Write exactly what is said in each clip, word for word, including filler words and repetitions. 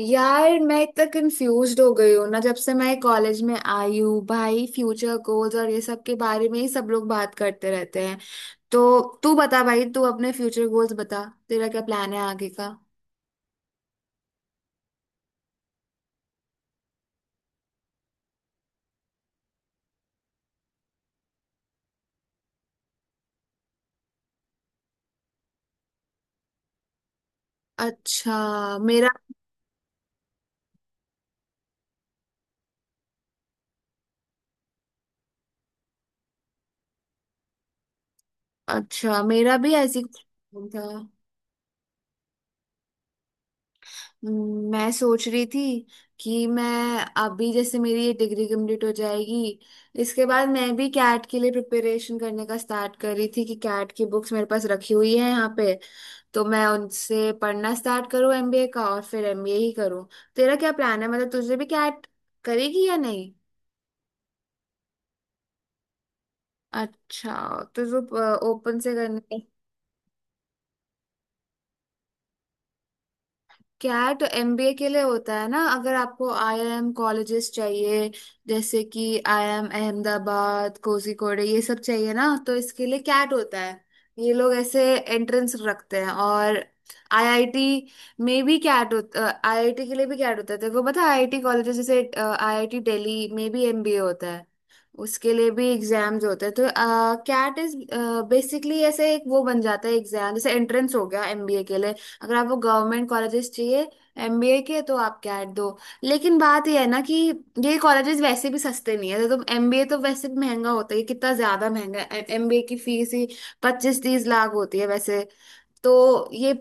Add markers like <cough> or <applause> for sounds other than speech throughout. यार मैं इतना कंफ्यूज हो गई हूँ ना जब से मैं कॉलेज में आई हूँ भाई। फ्यूचर गोल्स और ये सब के बारे में ही सब लोग बात करते रहते हैं। तो तू बता भाई, तू अपने फ्यूचर गोल्स बता, तेरा क्या प्लान है आगे का? अच्छा मेरा अच्छा मेरा भी ऐसी कुछ plan था। हम्म, मैं सोच रही थी कि मैं अभी जैसे मेरी ये डिग्री कंप्लीट हो जाएगी, इसके बाद मैं भी कैट के लिए प्रिपरेशन करने का स्टार्ट कर रही थी कि कैट की बुक्स मेरे पास रखी हुई है यहाँ पे, तो मैं उनसे पढ़ना स्टार्ट करूँ एमबीए का और फिर एमबीए ही करूँ। तेरा क्या प्लान है, मतलब तुझे भी क्या करेगी या नहीं? अच्छा। तो जो ओपन से करने कैट एमबीए के लिए होता है ना, अगर आपको आईआईएम कॉलेजेस चाहिए जैसे कि आईआईएम अहमदाबाद, कोझीकोड, ये सब चाहिए ना तो इसके लिए कैट होता है। ये लोग ऐसे एंट्रेंस रखते हैं। और आईआईटी में भी कैट होता, आईआईटी के लिए भी कैट होता है। तेरे को पता है आईआईटी कॉलेजेस जैसे आईआईटी दिल्ली में भी एमबीए होता है, उसके लिए भी एग्जाम्स होते हैं। तो कैट इज बेसिकली ऐसे एक वो बन जाता है एग्जाम, जैसे एंट्रेंस हो गया एमबीए के लिए। अगर आपको गवर्नमेंट कॉलेजेस चाहिए एमबीए के तो आप कैट दो। लेकिन बात यह है ना कि ये कॉलेजेस वैसे भी सस्ते नहीं है, तो एमबीए तो वैसे भी महंगा होता है, ये कितना ज्यादा महंगा है, एमबीए की फीस ही पच्चीस तीस लाख होती है वैसे। तो ये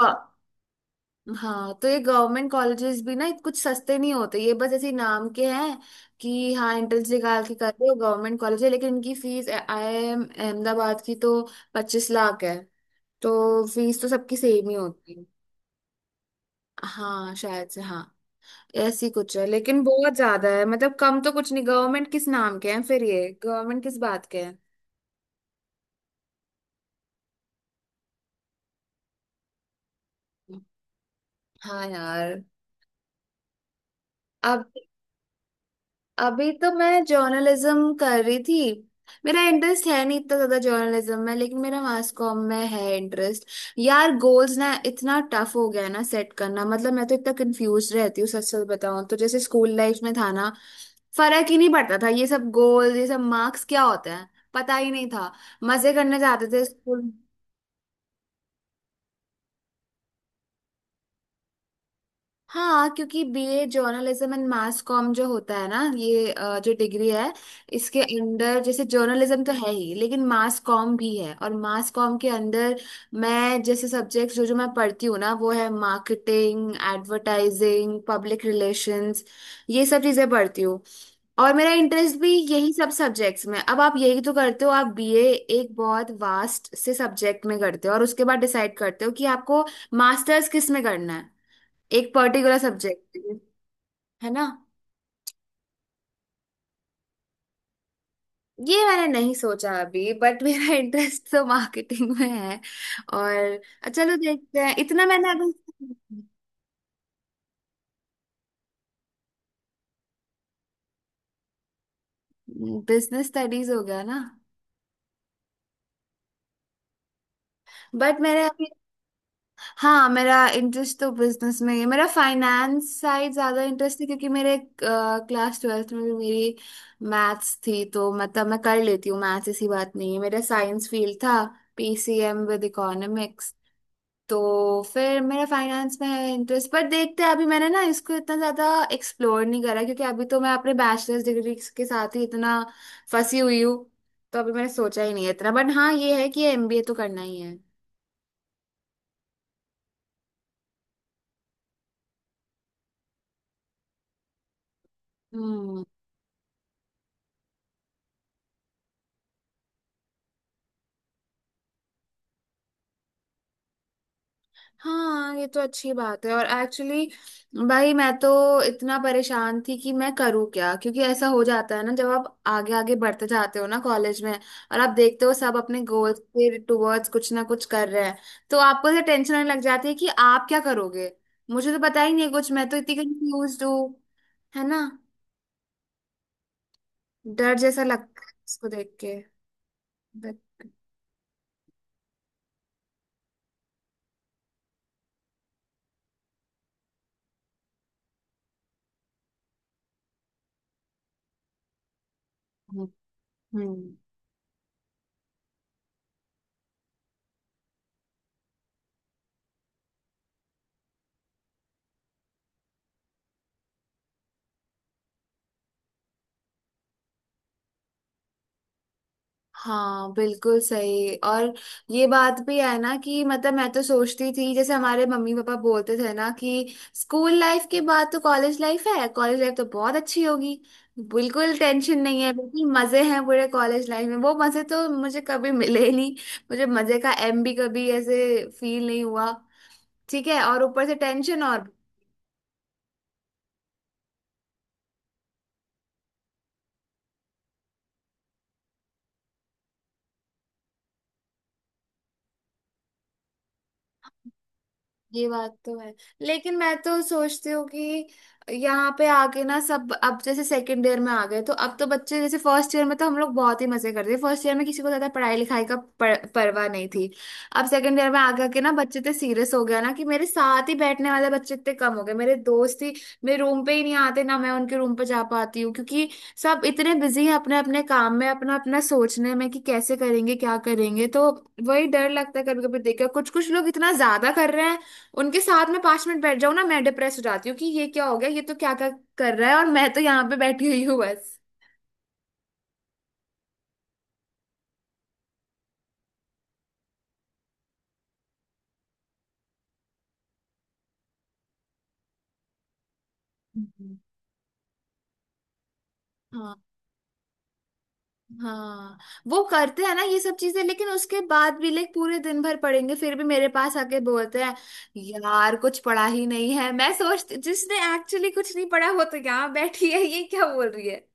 अ, हाँ तो ये गवर्नमेंट कॉलेजेस भी ना कुछ सस्ते नहीं होते, ये बस ऐसे ही नाम के हैं कि हाँ एंट्रेंस निकाल के कर रहे हो, गवर्नमेंट कॉलेज है, लेकिन इनकी fees I I M Ahmedabad की तो पच्चीस लाख है। तो फीस तो सबकी सेम ही होती है। हाँ, शायद से हाँ ऐसी कुछ है, लेकिन बहुत ज्यादा है, मतलब कम तो कुछ नहीं। गवर्नमेंट किस नाम के हैं फिर, ये गवर्नमेंट किस बात के हैं? हाँ यार। अब अभी तो मैं जर्नलिज्म कर रही थी। मेरा इंटरेस्ट है नहीं इतना ज्यादा जर्नलिज्म में, लेकिन मेरा मास कॉम में है इंटरेस्ट। यार गोल्स ना इतना टफ हो गया है ना सेट करना, मतलब मैं तो इतना कंफ्यूज रहती हूँ सच सच बताऊं तो। जैसे स्कूल लाइफ में था ना फर्क ही नहीं पड़ता था, ये सब गोल ये सब मार्क्स क्या होता है पता ही नहीं था, मजे करने जाते थे स्कूल। हाँ क्योंकि BA journalism and mass comm जो होता है ना ये अ, जो डिग्री है, इसके अंडर जैसे जर्नलिज्म तो है ही, लेकिन मास कॉम भी है। और मास कॉम के अंदर मैं जैसे सब्जेक्ट्स जो जो मैं पढ़ती हूँ ना वो है मार्केटिंग, एडवर्टाइजिंग, पब्लिक रिलेशंस, ये सब चीज़ें पढ़ती हूँ। और मेरा इंटरेस्ट भी यही सब सब्जेक्ट्स में। अब आप यही तो करते हो, आप बीए एक बहुत वास्ट से सब्जेक्ट में करते हो और उसके बाद डिसाइड करते हो कि आपको मास्टर्स किस में करना है, एक पर्टिकुलर सब्जेक्ट। है ना? ये मैंने नहीं सोचा अभी बट मेरा <laughs> इंटरेस्ट तो मार्केटिंग में है। और चलो देखते हैं, इतना मैंने अभी <laughs> बिजनेस स्टडीज हो गया ना। बट मेरे अभी हाँ मेरा इंटरेस्ट तो बिजनेस में ही है, मेरा फाइनेंस साइड ज्यादा इंटरेस्ट है क्योंकि मेरे क्लास ट्वेल्थ में भी मेरी मैथ्स थी, तो मतलब मैं कर लेती हूँ मैथ्स, ऐसी बात नहीं है। मेरा साइंस फील्ड था, पीसीएम विद इकोनॉमिक्स। तो फिर मेरा फाइनेंस में है इंटरेस्ट, पर देखते हैं अभी मैंने ना इसको इतना ज्यादा एक्सप्लोर नहीं करा क्योंकि अभी तो मैं अपने बैचलर्स डिग्री के साथ ही इतना फंसी हुई हूँ। तो अभी मैंने सोचा ही नहीं है इतना, बट हाँ ये है कि एमबीए तो करना ही है। हम्म। हाँ ये तो अच्छी बात है। और एक्चुअली भाई मैं तो इतना परेशान थी कि मैं करूँ क्या, क्योंकि ऐसा हो जाता है ना जब आप आगे आगे बढ़ते जाते हो ना कॉलेज में और आप देखते हो सब अपने गोल्स के टुवर्ड्स कुछ ना कुछ कर रहे हैं, तो आपको ऐसे टेंशन होने लग जाती है कि आप क्या करोगे। मुझे तो पता ही नहीं है कुछ, मैं तो इतनी कंफ्यूज हूँ। है ना? डर जैसा लगता है इसको देख के, बट। हम्म। हाँ बिल्कुल सही। और ये बात भी है ना कि मतलब मैं तो सोचती थी जैसे हमारे मम्मी पापा बोलते थे ना कि स्कूल लाइफ के बाद तो कॉलेज लाइफ है, कॉलेज लाइफ तो बहुत अच्छी होगी, बिल्कुल टेंशन नहीं है, बिल्कुल मजे हैं पूरे कॉलेज लाइफ में। वो मजे तो मुझे कभी मिले ही नहीं, मुझे मजे का एम भी कभी ऐसे फील नहीं हुआ। ठीक है और ऊपर से टेंशन और। ये बात तो है, लेकिन मैं तो सोचती हूँ कि यहाँ पे आके ना सब अब जैसे सेकंड ईयर में आ गए तो अब तो बच्चे, जैसे फर्स्ट ईयर में तो हम लोग बहुत ही मजे करते थे, फर्स्ट ईयर में किसी को ज्यादा पढ़ाई लिखाई का पर, परवाह नहीं थी। अब सेकंड ईयर में आगे आके ना बच्चे इतने सीरियस हो गया ना कि मेरे साथ ही बैठने वाले बच्चे इतने कम हो गए, मेरे दोस्त ही मेरे रूम पे ही नहीं आते, ना मैं उनके रूम पे जा पाती हूँ क्योंकि सब इतने बिजी हैं अपने अपने काम में, अपना अपना सोचने में कि कैसे करेंगे क्या करेंगे। तो वही डर लगता है कभी कभी देखकर कुछ कुछ लोग इतना ज्यादा कर रहे हैं, उनके साथ में पांच मिनट बैठ जाऊं ना मैं डिप्रेस हो जाती हूँ कि ये क्या हो गया, ये तो क्या क्या कर रहा है और मैं तो यहाँ पे बैठी हुई हूँ बस। हम्म। हाँ हाँ वो करते हैं ना ये सब चीजें, लेकिन उसके बाद भी लाइक पूरे दिन भर पढ़ेंगे फिर भी मेरे पास आके बोलते हैं यार कुछ पढ़ा ही नहीं है। मैं सोचती जिसने एक्चुअली कुछ नहीं पढ़ा वो तो यहाँ बैठी है, ये क्या बोल रही है।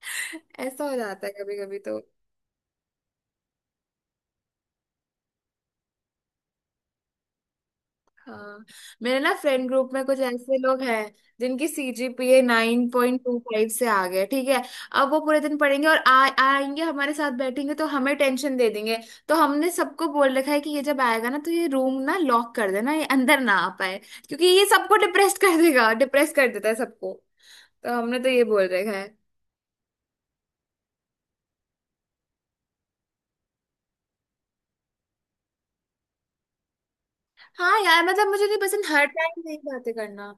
<laughs> ऐसा हो जाता है कभी कभी। हाँ मेरे ना फ्रेंड ग्रुप में कुछ ऐसे लोग हैं जिनकी CGPA nine point two five से आ गया, ठीक है। अब वो पूरे दिन पढ़ेंगे और आ, आएंगे हमारे साथ बैठेंगे तो हमें टेंशन दे देंगे। तो हमने सबको बोल रखा है कि ये जब आएगा ना तो ये रूम ना लॉक कर देना, ये अंदर ना आ पाए क्योंकि ये सबको डिप्रेस कर देगा, डिप्रेस कर देता है सबको। तो हमने तो ये बोल रखा है। हाँ यार मतलब मुझे नहीं पसंद हर टाइम यही बातें करना।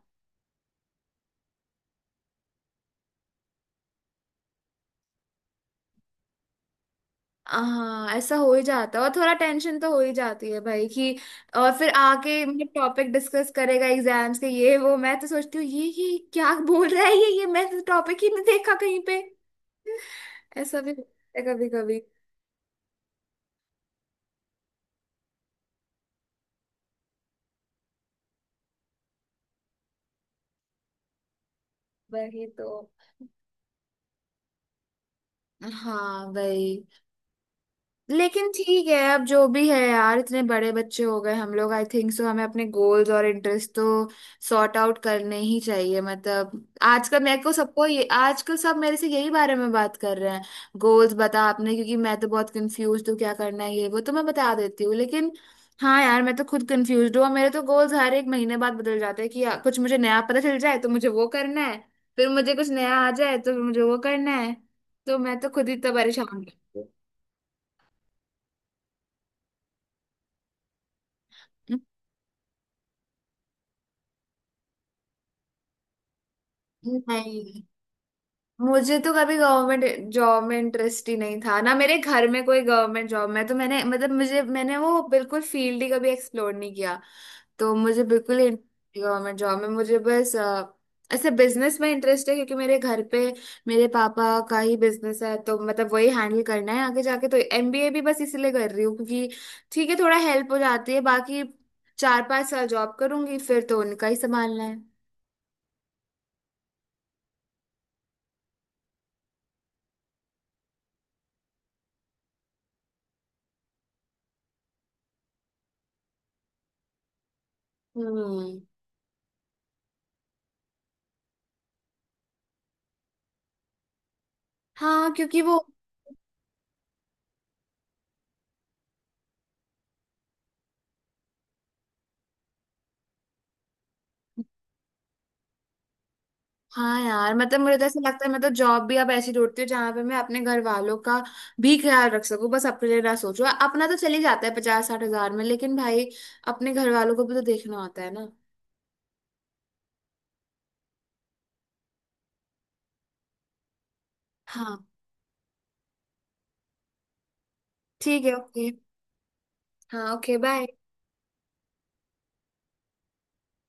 हाँ ऐसा हो ही जाता है और थोड़ा टेंशन तो हो ही जाती है भाई कि। और फिर आके मतलब टॉपिक डिस्कस करेगा एग्जाम्स के, ये वो मैं तो सोचती हूँ ये ये क्या बोल रहा है, ये ये मैं तो टॉपिक ही नहीं देखा कहीं पे। <laughs> ऐसा भी होता है कभी कभी। वही तो। हाँ भाई। लेकिन ठीक है अब जो भी है यार, इतने बड़े बच्चे हो गए हम लोग, आई थिंक सो हमें अपने गोल्स और इंटरेस्ट तो सॉर्ट आउट करने ही चाहिए, मतलब। आजकल मेरे को सबको ये आजकल सब मेरे से यही बारे में बात कर रहे हैं, गोल्स बता आपने क्योंकि मैं तो बहुत कंफ्यूज हूँ क्या करना है ये वो तो मैं बता देती हूँ, लेकिन हाँ यार मैं तो खुद कंफ्यूज हूँ। और मेरे तो गोल्स हर एक महीने बाद बदल जाते हैं कि यार, कुछ मुझे नया पता चल जाए तो मुझे वो करना है, फिर मुझे कुछ नया आ जाए तो मुझे वो करना है, तो मैं तो खुद ही तो परेशान हूँ। नहीं, मुझे तो कभी गवर्नमेंट जॉब में इंटरेस्ट ही नहीं था ना, मेरे घर में कोई गवर्नमेंट जॉब में तो मैंने मतलब मुझे मैंने वो बिल्कुल फील्ड ही कभी एक्सप्लोर नहीं किया। तो मुझे बिल्कुल इंटरेस्ट गवर्नमेंट जॉब में, मुझे बस अ, ऐसे बिजनेस में इंटरेस्ट है क्योंकि मेरे घर पे मेरे पापा का ही बिजनेस है, तो मतलब वही हैंडल करना है आगे जाके, तो एमबीए भी बस इसीलिए कर रही हूँ क्योंकि ठीक है थोड़ा हेल्प हो जाती है बाकी। चार पांच साल जॉब करूंगी फिर तो उनका ही संभालना है। हम्म। हाँ क्योंकि वो। हाँ यार मतलब मुझे तो ऐसा लगता है मैं तो जॉब भी अब ऐसी ढूंढती हूँ जहां पे मैं अपने घर वालों का भी ख्याल रख सकूँ, बस अपने लिए ना सोचूं, अपना तो चले जाता है पचास साठ हजार में, लेकिन भाई अपने घर वालों को भी तो देखना होता है ना। हाँ ठीक है ओके। हाँ ओके बाय।